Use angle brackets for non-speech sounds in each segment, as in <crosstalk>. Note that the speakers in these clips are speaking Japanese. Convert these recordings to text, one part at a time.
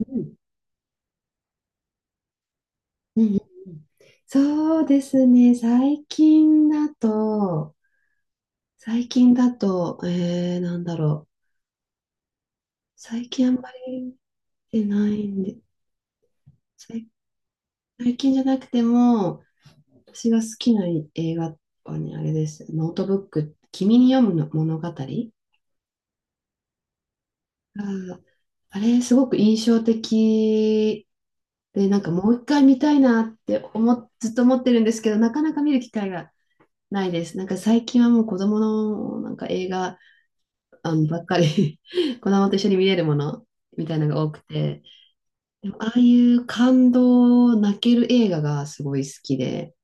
うん、うん、うんそうですね。最近だと、なんだろう。最近あんまり見てないんで、最、最近じゃなくても、私が好きな映画はね、あれです。ノートブック、君に読むの物語が、あれ、すごく印象的で、なんかもう一回見たいなって思、ずっと思ってるんですけど、なかなか見る機会がないです。なんか最近はもう子供のなんか映画、あの、ばっかり <laughs> 子供と一緒に見れるものみたいなのが多くて、でもああいう感動、泣ける映画がすごい好きで、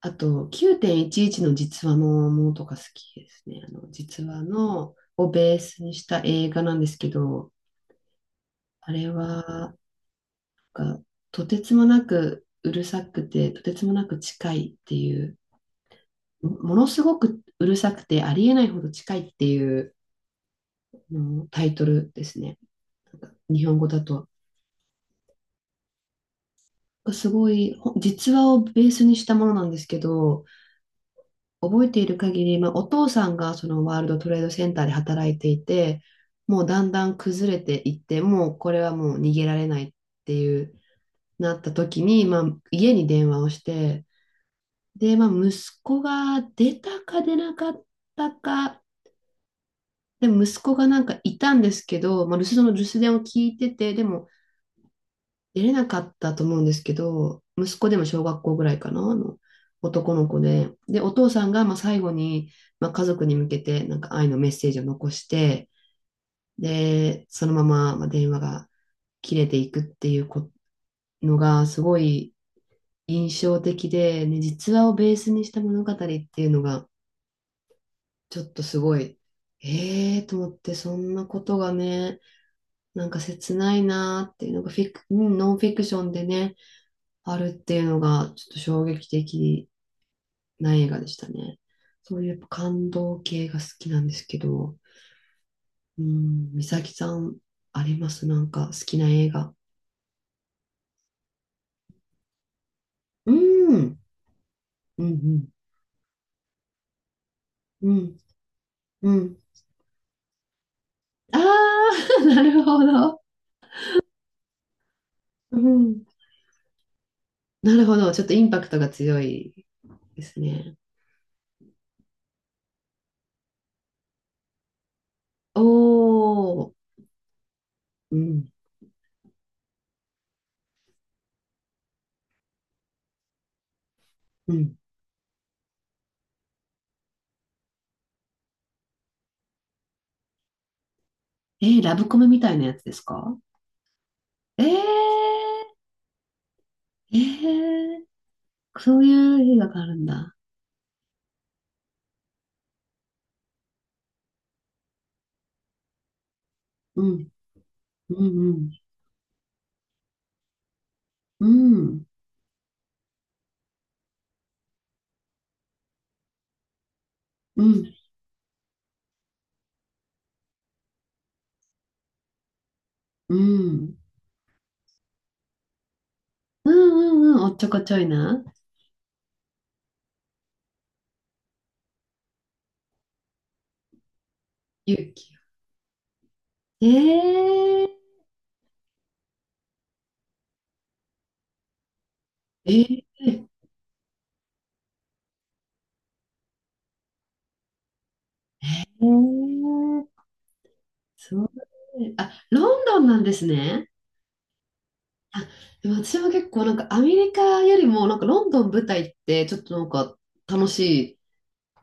あと、9.11の実話のものとか好きですね。あの、実話のをベースにした映画なんですけど、あれは、なんかとてつもなくうるさくて、とてつもなく近いっていう、ものすごくうるさくて、ありえないほど近いっていうあのタイトルですね。なんか日本語だと。すごい、実話をベースにしたものなんですけど、覚えている限り、まあ、お父さんがそのワールドトレードセンターで働いていて、もうだんだん崩れていって、もうこれはもう逃げられないっていうなった時に、まあ、家に電話をして、で、まあ、息子が出たか出なかったか、でも息子がなんかいたんですけど、まあ、留守電を聞いてて、でも出れなかったと思うんですけど、息子でも小学校ぐらいかな、あの男の子で、で、お父さんがまあ最後に、まあ、家族に向けてなんか愛のメッセージを残して、で、そのまま、まあ、電話が切れていくっていうこのがすごい印象的で、ね、実話をベースにした物語っていうのがちょっとすごい、えーと思って、そんなことがね、なんか切ないなーっていうのがフィク、うんノンフィクションでね、あるっていうのが、ちょっと衝撃的な映画でしたね。そういうやっぱ感動系が好きなんですけど、うん、美咲さん、ありますなんか好きな映画。うん。うん。うん。うんああ、<laughs> なるほど。うん。なるほど。ちょっとインパクトが強いですね。おー。うん。うん。えー、ラブコメみたいなやつですか？えー、えー、そういう映画があるんだ。うん。うんうん。うん。うん。うんうんうん。おっちょこちょいな。勇気。ええええええすごい。あ、ロンドンなんですね。あ、でも私も結構なんかアメリカよりもなんかロンドン舞台ってちょっとなんか楽しい、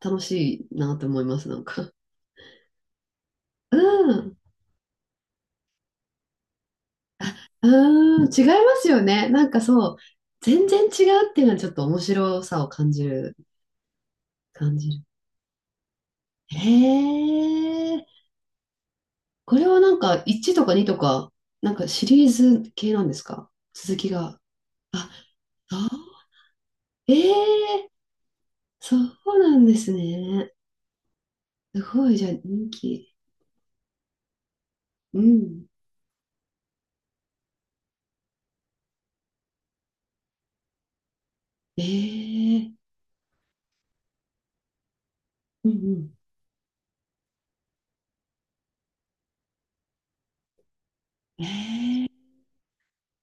楽しいなと思います、なんか。うん。うん、違いますよね。なんかそう、全然違うっていうのはちょっと面白さを感じる。へえ、これはなんか1とか2とか、なんかシリーズ系なんですか続きが。あ、あ、ええー、そうなんですね。すごい、じゃあ人気。うん。ええ、うんうん。ええ、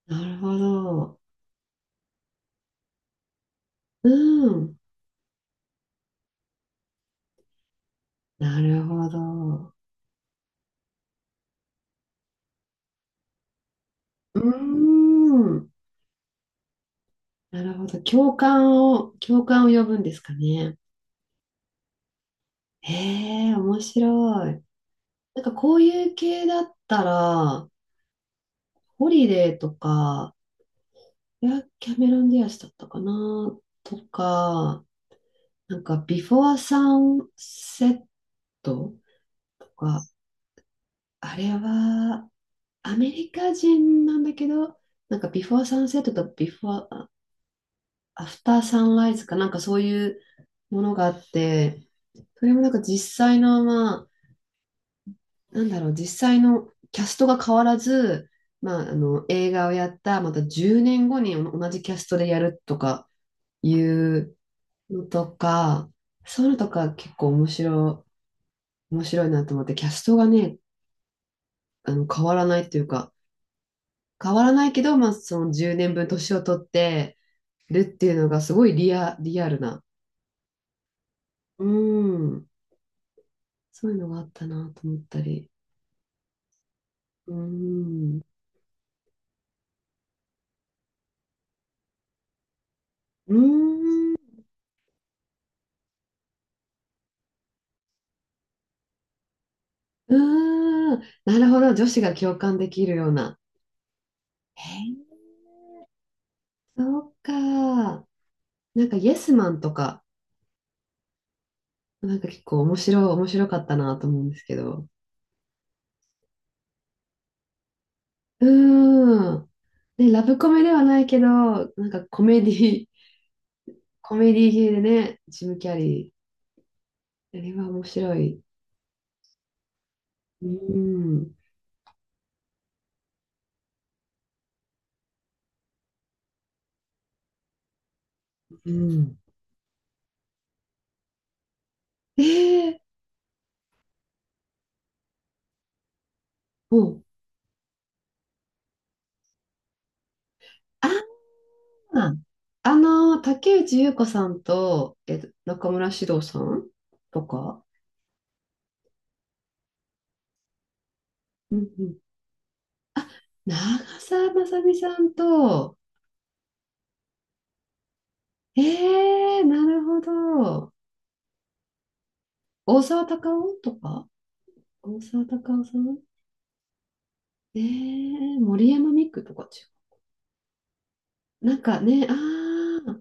なるほど。うん。なるほど。うーん。なるほど。共感を呼ぶんですかね。ええ面白い。なんかこういう系だったら、ホリデーとか、いや、キャメロン・ディアスだったかなとか、なんか、ビフォー・サンセットとか、あれは、アメリカ人なんだけど、なんか、ビフォー・サンセットとビフォー・アフター・サンライズかなんかそういうものがあって、それもなんか実際の、まあ、なんだろう、実際のキャストが変わらず、まあ、あの映画をやった、また10年後に同じキャストでやるとか、いうのとか、そういうのとか結構面白いなと思って、キャストがね、あの変わらないというか、変わらないけど、まあその10年分年を取ってるっていうのがすごいリアルな。うん。そういうのがあったなと思ったり。うん。うん。うん。なるほど。女子が共感できるような。へえー、そうか。なんか、イエスマンとか、なんか結構面白かったなと思うんですけど。うーん。ね、ラブコメではないけど、なんかコメディ、<laughs> コメディ系でね、ジム・キャリー。あれは面白い。うん。うん。ええ、もう、ああ、あの、竹内優子さんと、えっと、中村獅童さんとか、うんうん。長澤まさみさんと、ええ、なるほど。大沢たかおとか、大沢たかおさん、ええ、森山未来とか違う。なんかね、ああ、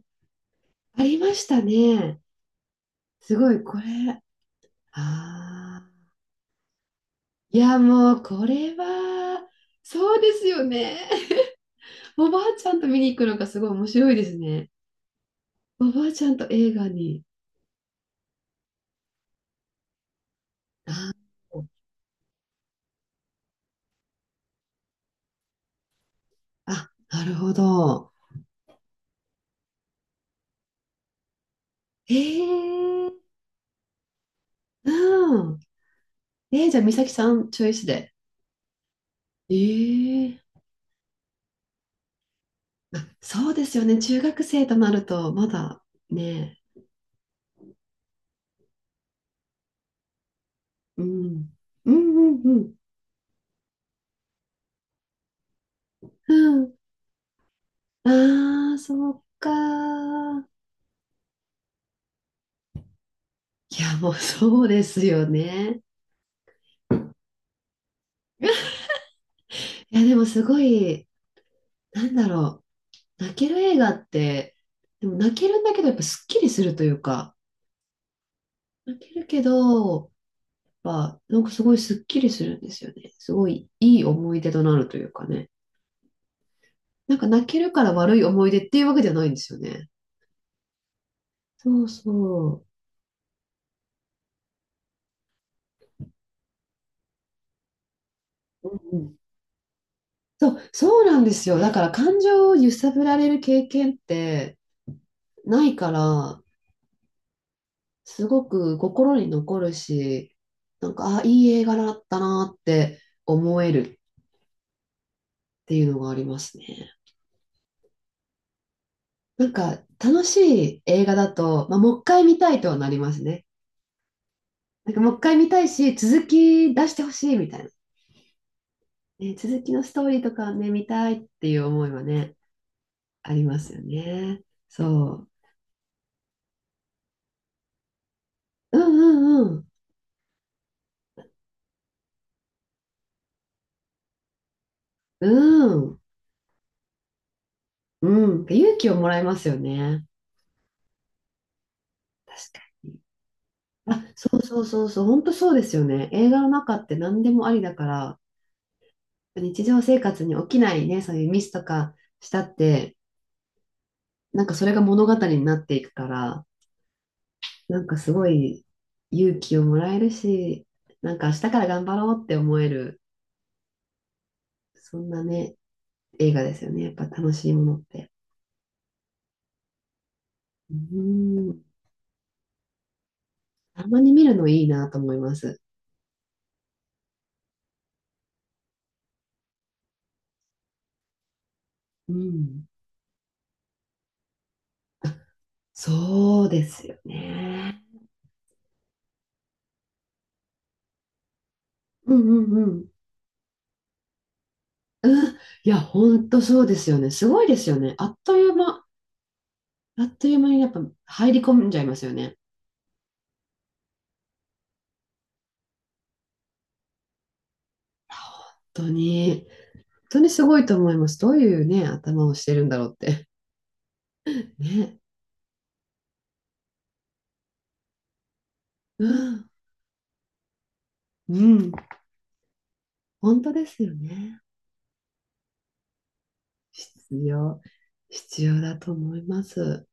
ありましたね。すごい、これ。ああ。いや、もう、これは、そうですよね。<laughs> おばあちゃんと見に行くのがすごい面白いですね。おばあちゃんと映画に。あー、あ、なるほど。へえ、うん。えー、じゃあ、美咲さん、チョイスで。ええ、あ、そうですよね。中学生となると、まだね。うん。うんうんうん。うん、ああ、そうか。いや、もう <laughs> そうですよね。いや、でもすごい、なんだろう。泣ける映画って、でも泣けるんだけど、やっぱすっきりするというか、泣けるけど、やっぱなんかすごいすっきりするんですよね。すごいいい思い出となるというかね。なんか泣けるから悪い思い出っていうわけじゃないんですよね。そうそう。うんうん、そうなんですよ。だから感情を揺さぶられる経験ってないから、すごく心に残るし、なんか、あ、いい映画だったなって思えるっていうのがありますね。なんか、楽しい映画だと、まあ、もう一回見たいとはなりますね。なんか、もう一回見たいし、続き出してほしいみたいな。ね、続きのストーリーとかね、見たいっていう思いはね、ありますよね。そう。うんうんうん。うん。うん。勇気をもらえますよね。確かに。あ、本当そうですよね。映画の中って何でもありだから、日常生活に起きないね、そういうミスとかしたって、なんかそれが物語になっていくから、なんかすごい勇気をもらえるし、なんか明日から頑張ろうって思える、そんなね、映画ですよね。やっぱ楽しいものって。うん、たまに見るのいいなと思います。うん、そうですよね。うんうんうん。うん、いや、ほんとそうですよね。すごいですよね。あっという間にやっぱ入り込んじゃいますよね。本当に、本当にすごいと思います。どういうね、頭をしてるんだろうって。<laughs> ね。うん、うん、本当ですよね。必要、必要だと思います。